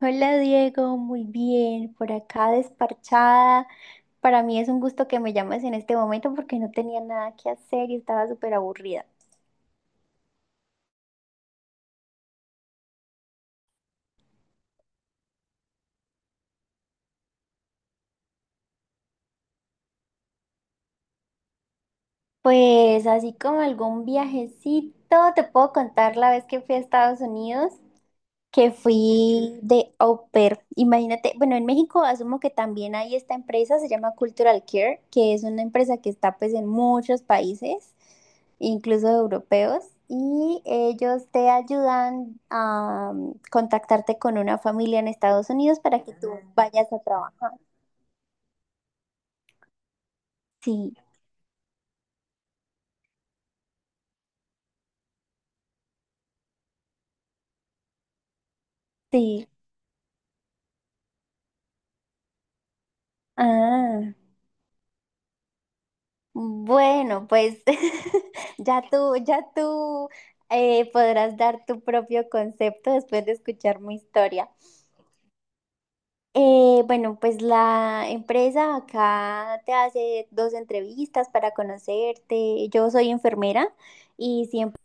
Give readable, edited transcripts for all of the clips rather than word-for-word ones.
Hola Diego, muy bien, por acá desparchada. Para mí es un gusto que me llames en este momento porque no tenía nada que hacer y estaba súper aburrida. Pues así como algún viajecito, te puedo contar la vez que fui a Estados Unidos, que fui de au pair. Imagínate, bueno, en México asumo que también hay esta empresa, se llama Cultural Care, que es una empresa que está pues en muchos países, incluso europeos, y ellos te ayudan a contactarte con una familia en Estados Unidos para que tú vayas a trabajar. Sí, sí. Ah, bueno, pues ya tú podrás dar tu propio concepto después de escuchar mi historia. Bueno, pues la empresa acá te hace dos entrevistas para conocerte. Yo soy enfermera y siempre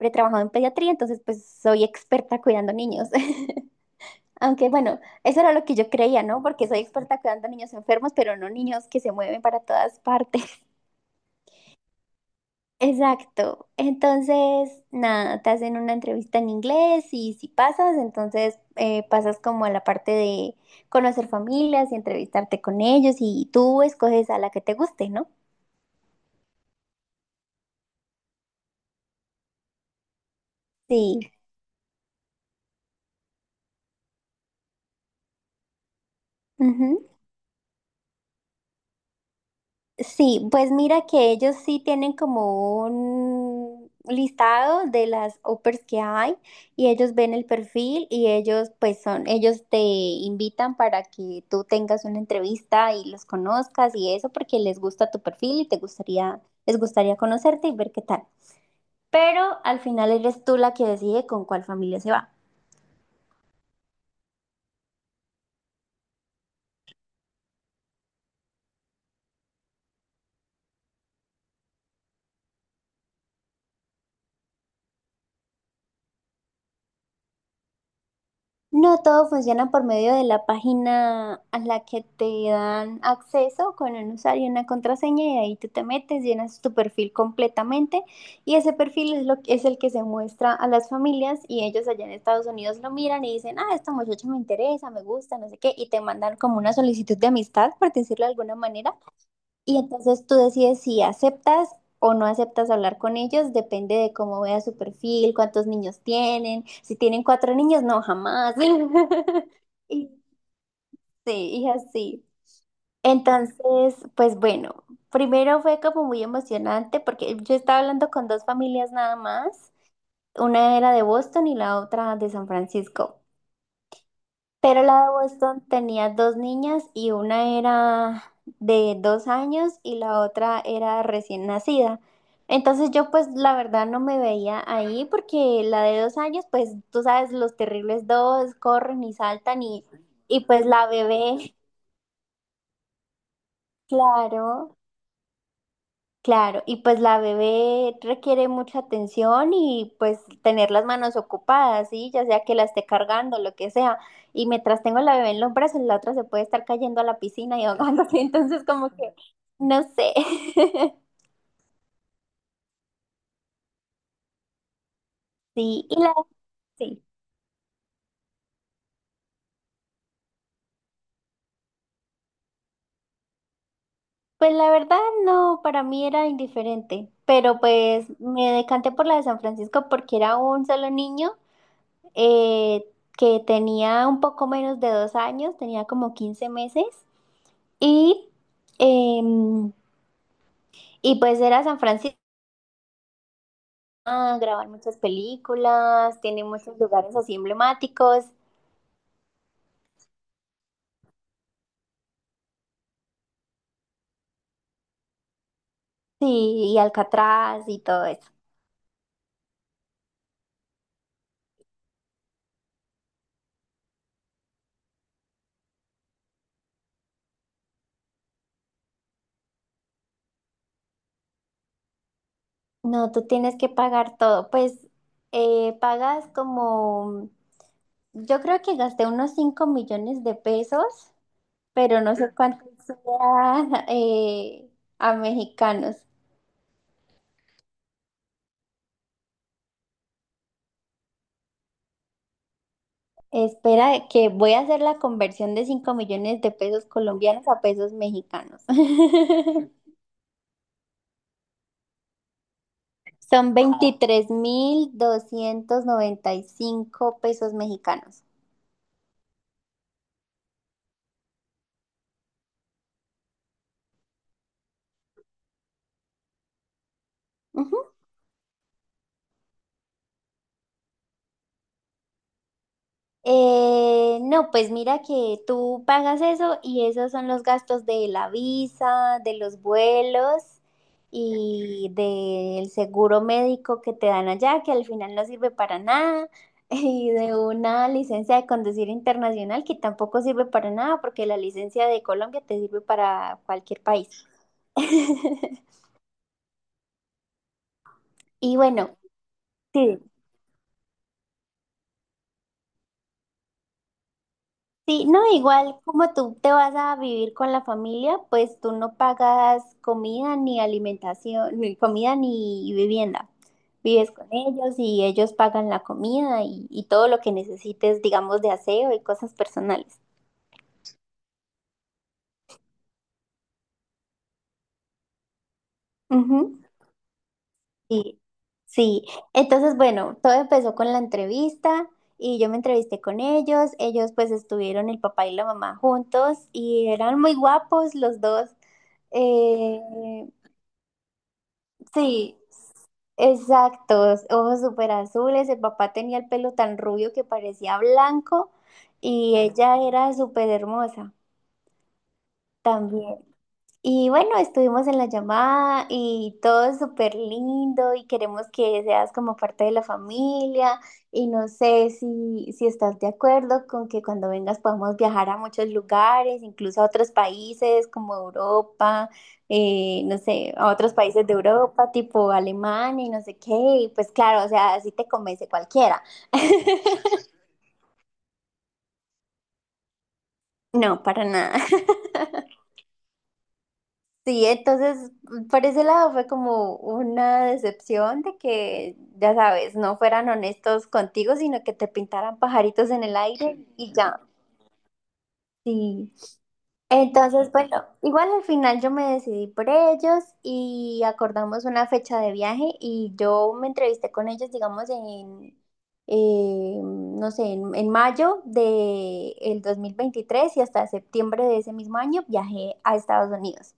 he trabajado en pediatría, entonces pues soy experta cuidando niños. Aunque bueno, eso era lo que yo creía, ¿no? Porque soy experta cuidando niños enfermos, pero no niños que se mueven para todas partes. Exacto. Entonces, nada, te hacen una entrevista en inglés y si pasas, entonces pasas como a la parte de conocer familias y entrevistarte con ellos y tú escoges a la que te guste, ¿no? Sí. Sí, pues mira que ellos sí tienen como un listado de las offers que hay y ellos ven el perfil y ellos pues son, ellos te invitan para que tú tengas una entrevista y los conozcas y eso porque les gusta tu perfil y te gustaría, les gustaría conocerte y ver qué tal. Pero al final eres tú la que decide con cuál familia se va. No, todo funciona por medio de la página a la que te dan acceso con un usuario y una contraseña y ahí tú te metes, llenas tu perfil completamente y ese perfil es, lo, es el que se muestra a las familias y ellos allá en Estados Unidos lo miran y dicen, ah, esta muchacha me interesa, me gusta, no sé qué, y te mandan como una solicitud de amistad, por decirlo de alguna manera. Y entonces tú decides si aceptas o no aceptas hablar con ellos, depende de cómo vea su perfil, cuántos niños tienen, si tienen cuatro niños, no, jamás. Y sí, y así. Entonces, pues bueno, primero fue como muy emocionante porque yo estaba hablando con dos familias nada más, una era de Boston y la otra de San Francisco. Pero la de Boston tenía dos niñas y una era de 2 años y la otra era recién nacida. Entonces yo pues la verdad no me veía ahí porque la de 2 años pues tú sabes los terribles dos corren y saltan, y pues la bebé, claro. Claro, y pues la bebé requiere mucha atención y pues tener las manos ocupadas, ¿sí? Ya sea que la esté cargando, lo que sea. Y mientras tengo la bebé en los brazos, la otra se puede estar cayendo a la piscina y ahogándose. Entonces, como que, no sé. Sí, sí. Pues la verdad, no, para mí era indiferente. Pero pues me decanté por la de San Francisco porque era un solo niño eh, que tenía un poco menos de 2 años, tenía como 15 meses. Y, em, y pues era San Francisco, ah, graban muchas películas, tiene muchos lugares así emblemáticos, sí, y Alcatraz y todo eso. No, tú tienes que pagar todo. Pues pagas como, yo creo que gasté unos 5 millones de pesos, pero no sé cuánto sea a mexicanos. Espera, que voy a hacer la conversión de 5 millones de pesos colombianos a pesos mexicanos. Son 23.295 pesos mexicanos. Ujú. No, pues mira que tú pagas eso y esos son los gastos de la visa, de los vuelos y del seguro médico que te dan allá, que al final no sirve para nada, y de una licencia de conducir internacional que tampoco sirve para nada porque la licencia de Colombia te sirve para cualquier país. Y bueno, sí. Sí, no, igual como tú te vas a vivir con la familia, pues tú no pagas comida ni alimentación, ni comida ni vivienda. Vives con ellos y ellos pagan la comida y todo lo que necesites, digamos, de aseo y cosas personales. Ujú. Sí, sí. Entonces, bueno, todo empezó con la entrevista y yo me entrevisté con ellos. Ellos pues estuvieron el papá y la mamá juntos y eran muy guapos los dos. Eh, sí, exacto, ojos súper azules, el papá tenía el pelo tan rubio que parecía blanco y ella era súper hermosa también. Y bueno, estuvimos en la llamada y todo es súper lindo y queremos que seas como parte de la familia y no sé si estás de acuerdo con que cuando vengas podamos viajar a muchos lugares, incluso a otros países como Europa, no sé, a otros países de Europa, tipo Alemania y no sé qué, y pues claro, o sea, así te convence cualquiera. No, para nada. Sí, entonces por ese lado fue como una decepción de que, ya sabes, no fueran honestos contigo, sino que te pintaran pajaritos en el aire. Sí. Y ya. Sí. Entonces, bueno, igual al final yo me decidí por ellos y acordamos una fecha de viaje y yo me entrevisté con ellos, digamos, no sé, en mayo del 2023 y hasta septiembre de ese mismo año viajé a Estados Unidos.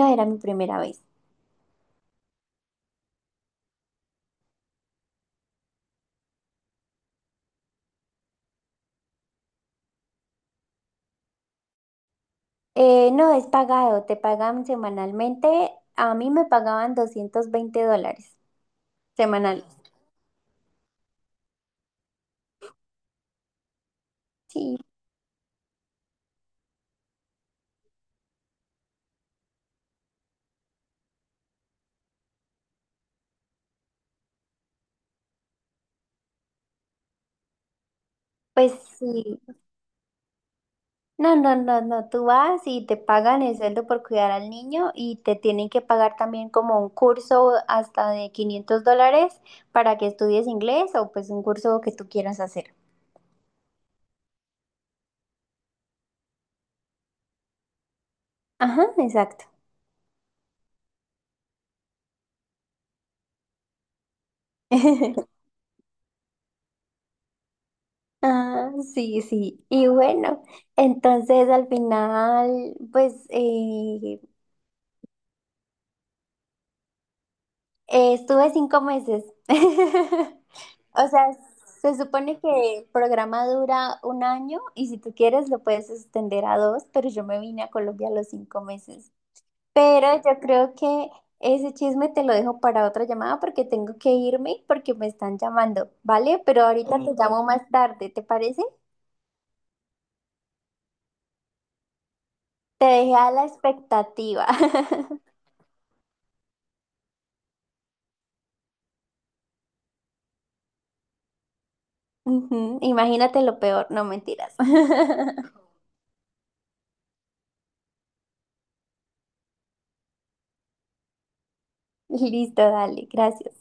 No era mi primera vez. No, es pagado, te pagan semanalmente. A mí me pagaban $220 semanales. Sí, pues sí. No, no, no, no, tú vas y te pagan el sueldo por cuidar al niño y te tienen que pagar también como un curso hasta de $500 para que estudies inglés o pues un curso que tú quieras hacer. Ajá, exacto. Ah, sí, sí. Y bueno, entonces al final, pues, estuve 5 meses. O sea, se supone que el programa dura un año y si tú quieres lo puedes extender a dos, pero yo me vine a Colombia a los 5 meses. Pero yo creo que ese chisme te lo dejo para otra llamada porque tengo que irme porque me están llamando, ¿vale? Pero ahorita te llamo más tarde, ¿te parece? Te dejé a la expectativa. Ujú, imagínate lo peor, no mentiras. Listo, dale, gracias.